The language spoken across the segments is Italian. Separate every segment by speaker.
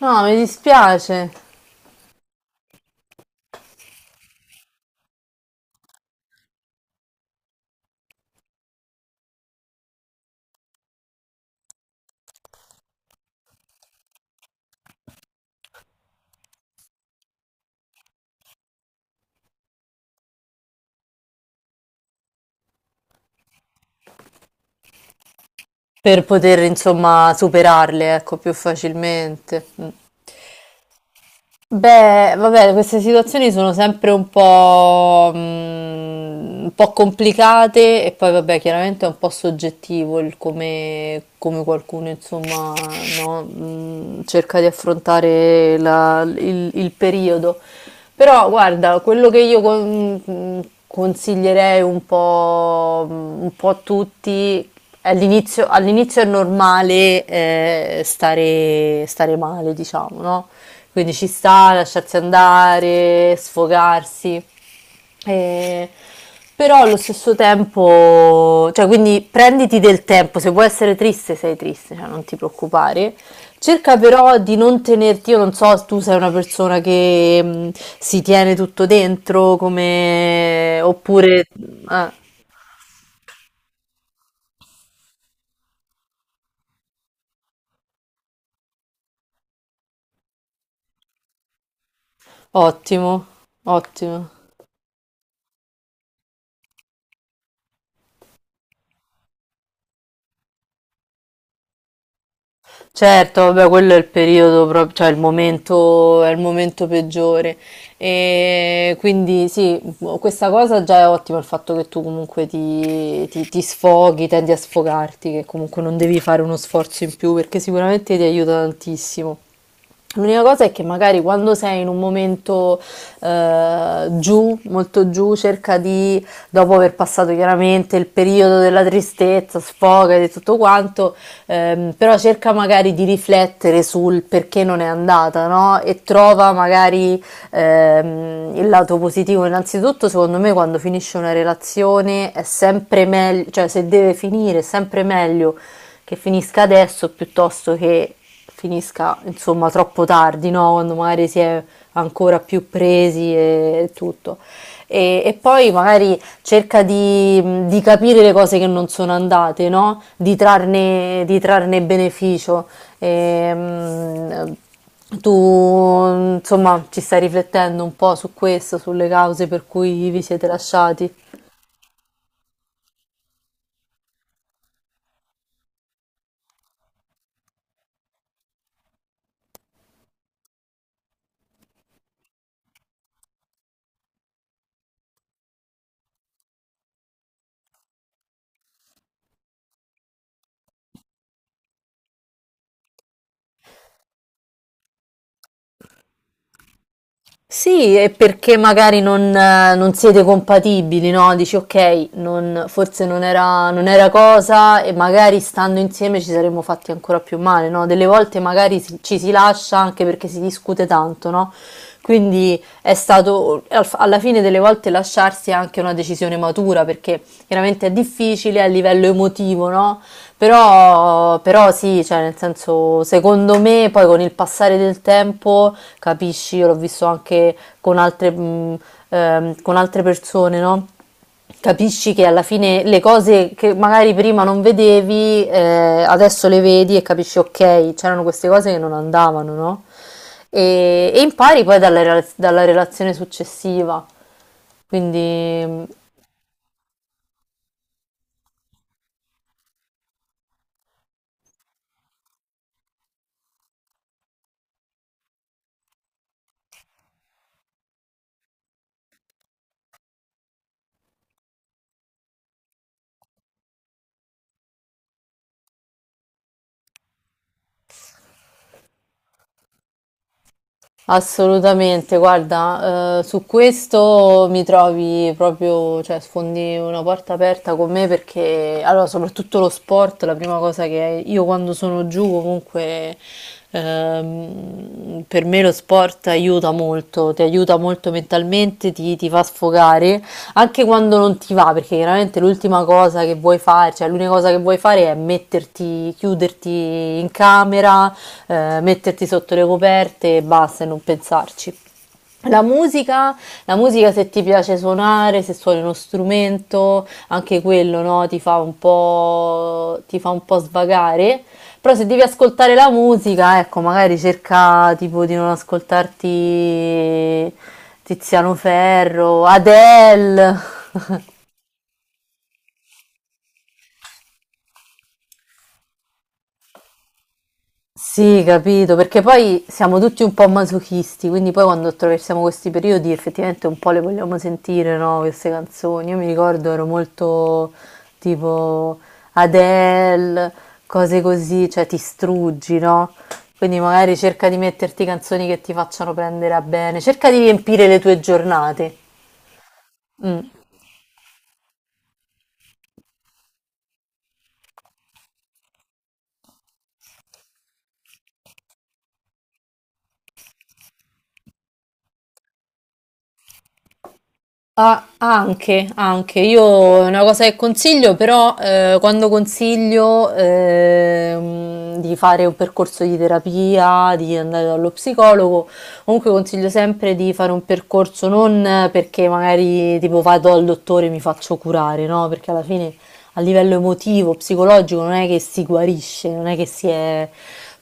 Speaker 1: No, mi dispiace per poter, insomma, superarle, ecco, più facilmente. Mm. Beh, vabbè, queste situazioni sono sempre un po', un po' complicate e poi, vabbè, chiaramente è un po' soggettivo il come, come qualcuno, insomma, no, cerca di affrontare il periodo. Però, guarda, quello che io consiglierei un po', un po' a tutti all'inizio è normale stare male, diciamo, no? Quindi ci sta lasciarsi andare, sfogarsi. E- Però allo stesso tempo, cioè quindi prenditi del tempo, se vuoi essere triste sei triste, cioè non ti preoccupare. Cerca però di non tenerti, io non so, tu sei una persona che si tiene tutto dentro, come oppure ah, ottimo, ottimo. Certo, vabbè, quello è il periodo proprio, cioè è il momento peggiore. E quindi sì, questa cosa già è ottima, il fatto che tu comunque ti sfoghi, tendi a sfogarti, che comunque non devi fare uno sforzo in più, perché sicuramente ti aiuta tantissimo. L'unica cosa è che magari quando sei in un momento giù, molto giù, cerca di, dopo aver passato chiaramente il periodo della tristezza, sfoga e tutto quanto, però cerca magari di riflettere sul perché non è andata, no? E trova magari il lato positivo innanzitutto secondo me quando finisce una relazione è sempre meglio, cioè se deve finire è sempre meglio che finisca adesso piuttosto che finisca insomma troppo tardi, no? Quando magari si è ancora più presi e tutto. E poi magari cerca di capire le cose che non sono andate, no? Di, trarne, di trarne beneficio. Ehm, tu, insomma, ci stai riflettendo un po' su questo, sulle cause per cui vi siete lasciati? Sì, e perché magari non, non siete compatibili, no? Dici, ok, forse non era cosa e magari stando insieme ci saremmo fatti ancora più male, no? Delle volte magari ci si lascia anche perché si discute tanto, no? Quindi è stato, alla fine delle volte lasciarsi è anche una decisione matura perché chiaramente è difficile a livello emotivo, no? Però, però sì, cioè nel senso, secondo me poi con il passare del tempo, capisci, io l'ho visto anche con altre, mh, con altre persone, no? Capisci che alla fine le cose che magari prima non vedevi, adesso le vedi e capisci, ok, c'erano queste cose che non andavano, no? E impari poi dalla relazione successiva. Quindi mm, assolutamente, guarda, su questo mi trovi proprio, cioè sfondi una porta aperta con me perché, allora, soprattutto lo sport, la prima cosa che io quando sono giù comunque, per me lo sport aiuta molto, ti aiuta molto mentalmente, ti fa sfogare anche quando non ti va, perché chiaramente l'ultima cosa che vuoi fare, cioè l'unica cosa che vuoi fare è metterti, chiuderti in camera, metterti sotto le coperte e basta e non pensarci. La musica, la musica se ti piace suonare, se suoni uno strumento, anche quello, no, ti fa un po', ti fa un po' svagare. Però se devi ascoltare la musica, ecco, magari cerca tipo di non ascoltarti Tiziano Ferro, Adele. Sì, capito, perché poi siamo tutti un po' masochisti, quindi poi quando attraversiamo questi periodi effettivamente un po' le vogliamo sentire, no? Queste canzoni. Io mi ricordo ero molto tipo Adele, cose così, cioè ti struggi, no? Quindi magari cerca di metterti canzoni che ti facciano prendere a bene, cerca di riempire le tue giornate. Mm. Ah, anche, io è una cosa che consiglio, però quando consiglio di fare un percorso di terapia, di andare dallo psicologo, comunque consiglio sempre di fare un percorso non perché magari tipo vado al dottore e mi faccio curare, no? Perché alla fine a livello emotivo, psicologico non è che si guarisce, non è che si è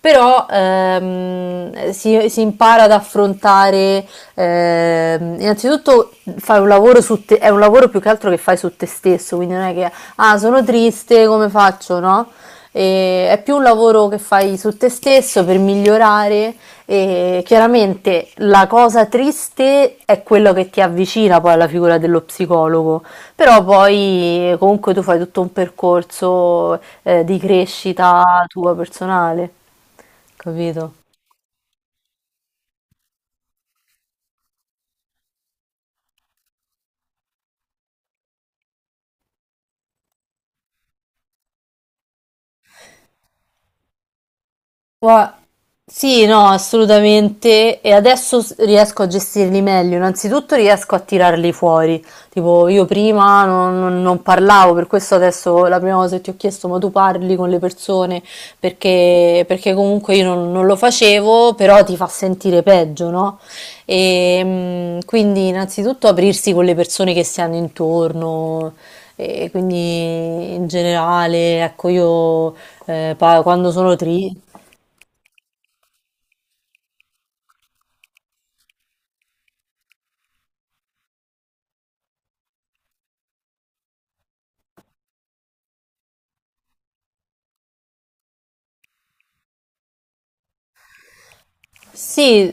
Speaker 1: però si impara ad affrontare innanzitutto fai un lavoro su te, è un lavoro più che altro che fai su te stesso, quindi non è che ah sono triste, come faccio, no? E è più un lavoro che fai su te stesso per migliorare e chiaramente la cosa triste è quello che ti avvicina poi alla figura dello psicologo, però poi comunque tu fai tutto un percorso di crescita tua personale, capito? Gua- Sì, no, assolutamente. E adesso riesco a gestirli meglio. Innanzitutto riesco a tirarli fuori. Tipo, io prima non parlavo, per questo adesso la prima cosa che ti ho chiesto, ma tu parli con le persone? Perché, perché comunque io non, non lo facevo, però ti fa sentire peggio, no? E, mm, quindi innanzitutto aprirsi con le persone che si hanno intorno. E quindi in generale, ecco, io quando sono triste. Sì,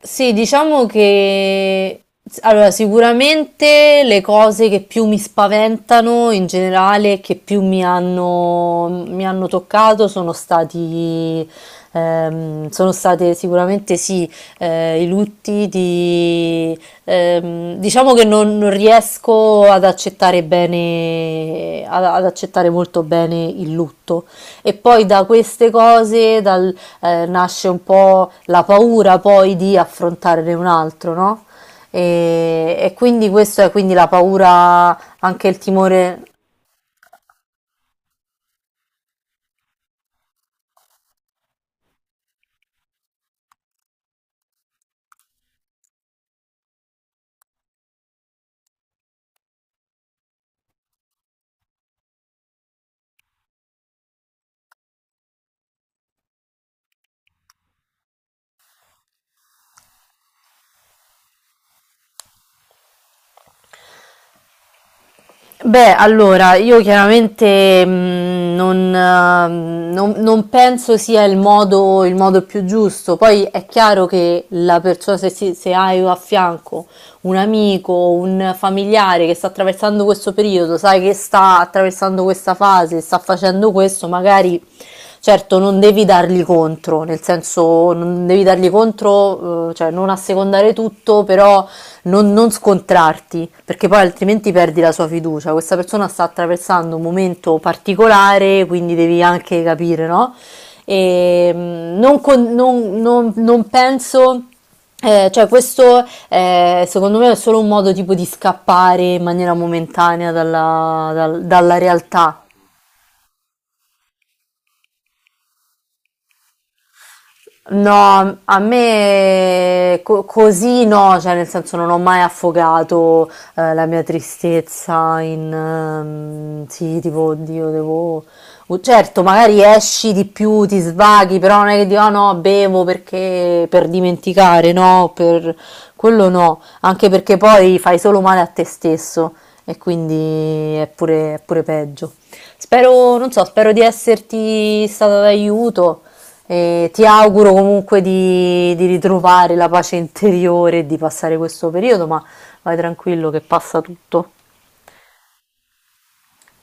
Speaker 1: sì, diciamo che allora, sicuramente le cose che più mi spaventano in generale, e che più mi hanno toccato, sono stati, sono state sicuramente sì, i lutti di, diciamo che non, non riesco ad accettare bene, ad accettare molto bene il lutto. E poi da queste cose, dal, nasce un po' la paura poi di affrontare un altro, no? E quindi questo è quindi la paura, anche il timore. Beh, allora, io chiaramente non penso sia il modo più giusto. Poi è chiaro che la persona, se hai a fianco un amico, un familiare che sta attraversando questo periodo, sai che sta attraversando questa fase, sta facendo questo, magari certo non devi dargli contro, nel senso non devi dargli contro, cioè non assecondare tutto, però non, non scontrarti, perché poi altrimenti perdi la sua fiducia. Questa persona sta attraversando un momento particolare, quindi devi anche capire, no? E mm, non, con- non- non- non penso. Eh, cioè, questo secondo me è solo un modo tipo di scappare in maniera momentanea dalla realtà. No, a me così no, cioè nel senso non ho mai affogato la mia tristezza in sì, tipo, oddio, devo oh, certo, magari esci di più, ti svaghi, però non è che dico, "Ah, no, bevo perché per dimenticare, no, per quello no", anche perché poi fai solo male a te stesso e quindi è pure peggio. Spero, non so, spero di esserti stato d'aiuto. E ti auguro comunque di ritrovare la pace interiore e di passare questo periodo, ma vai tranquillo che passa tutto.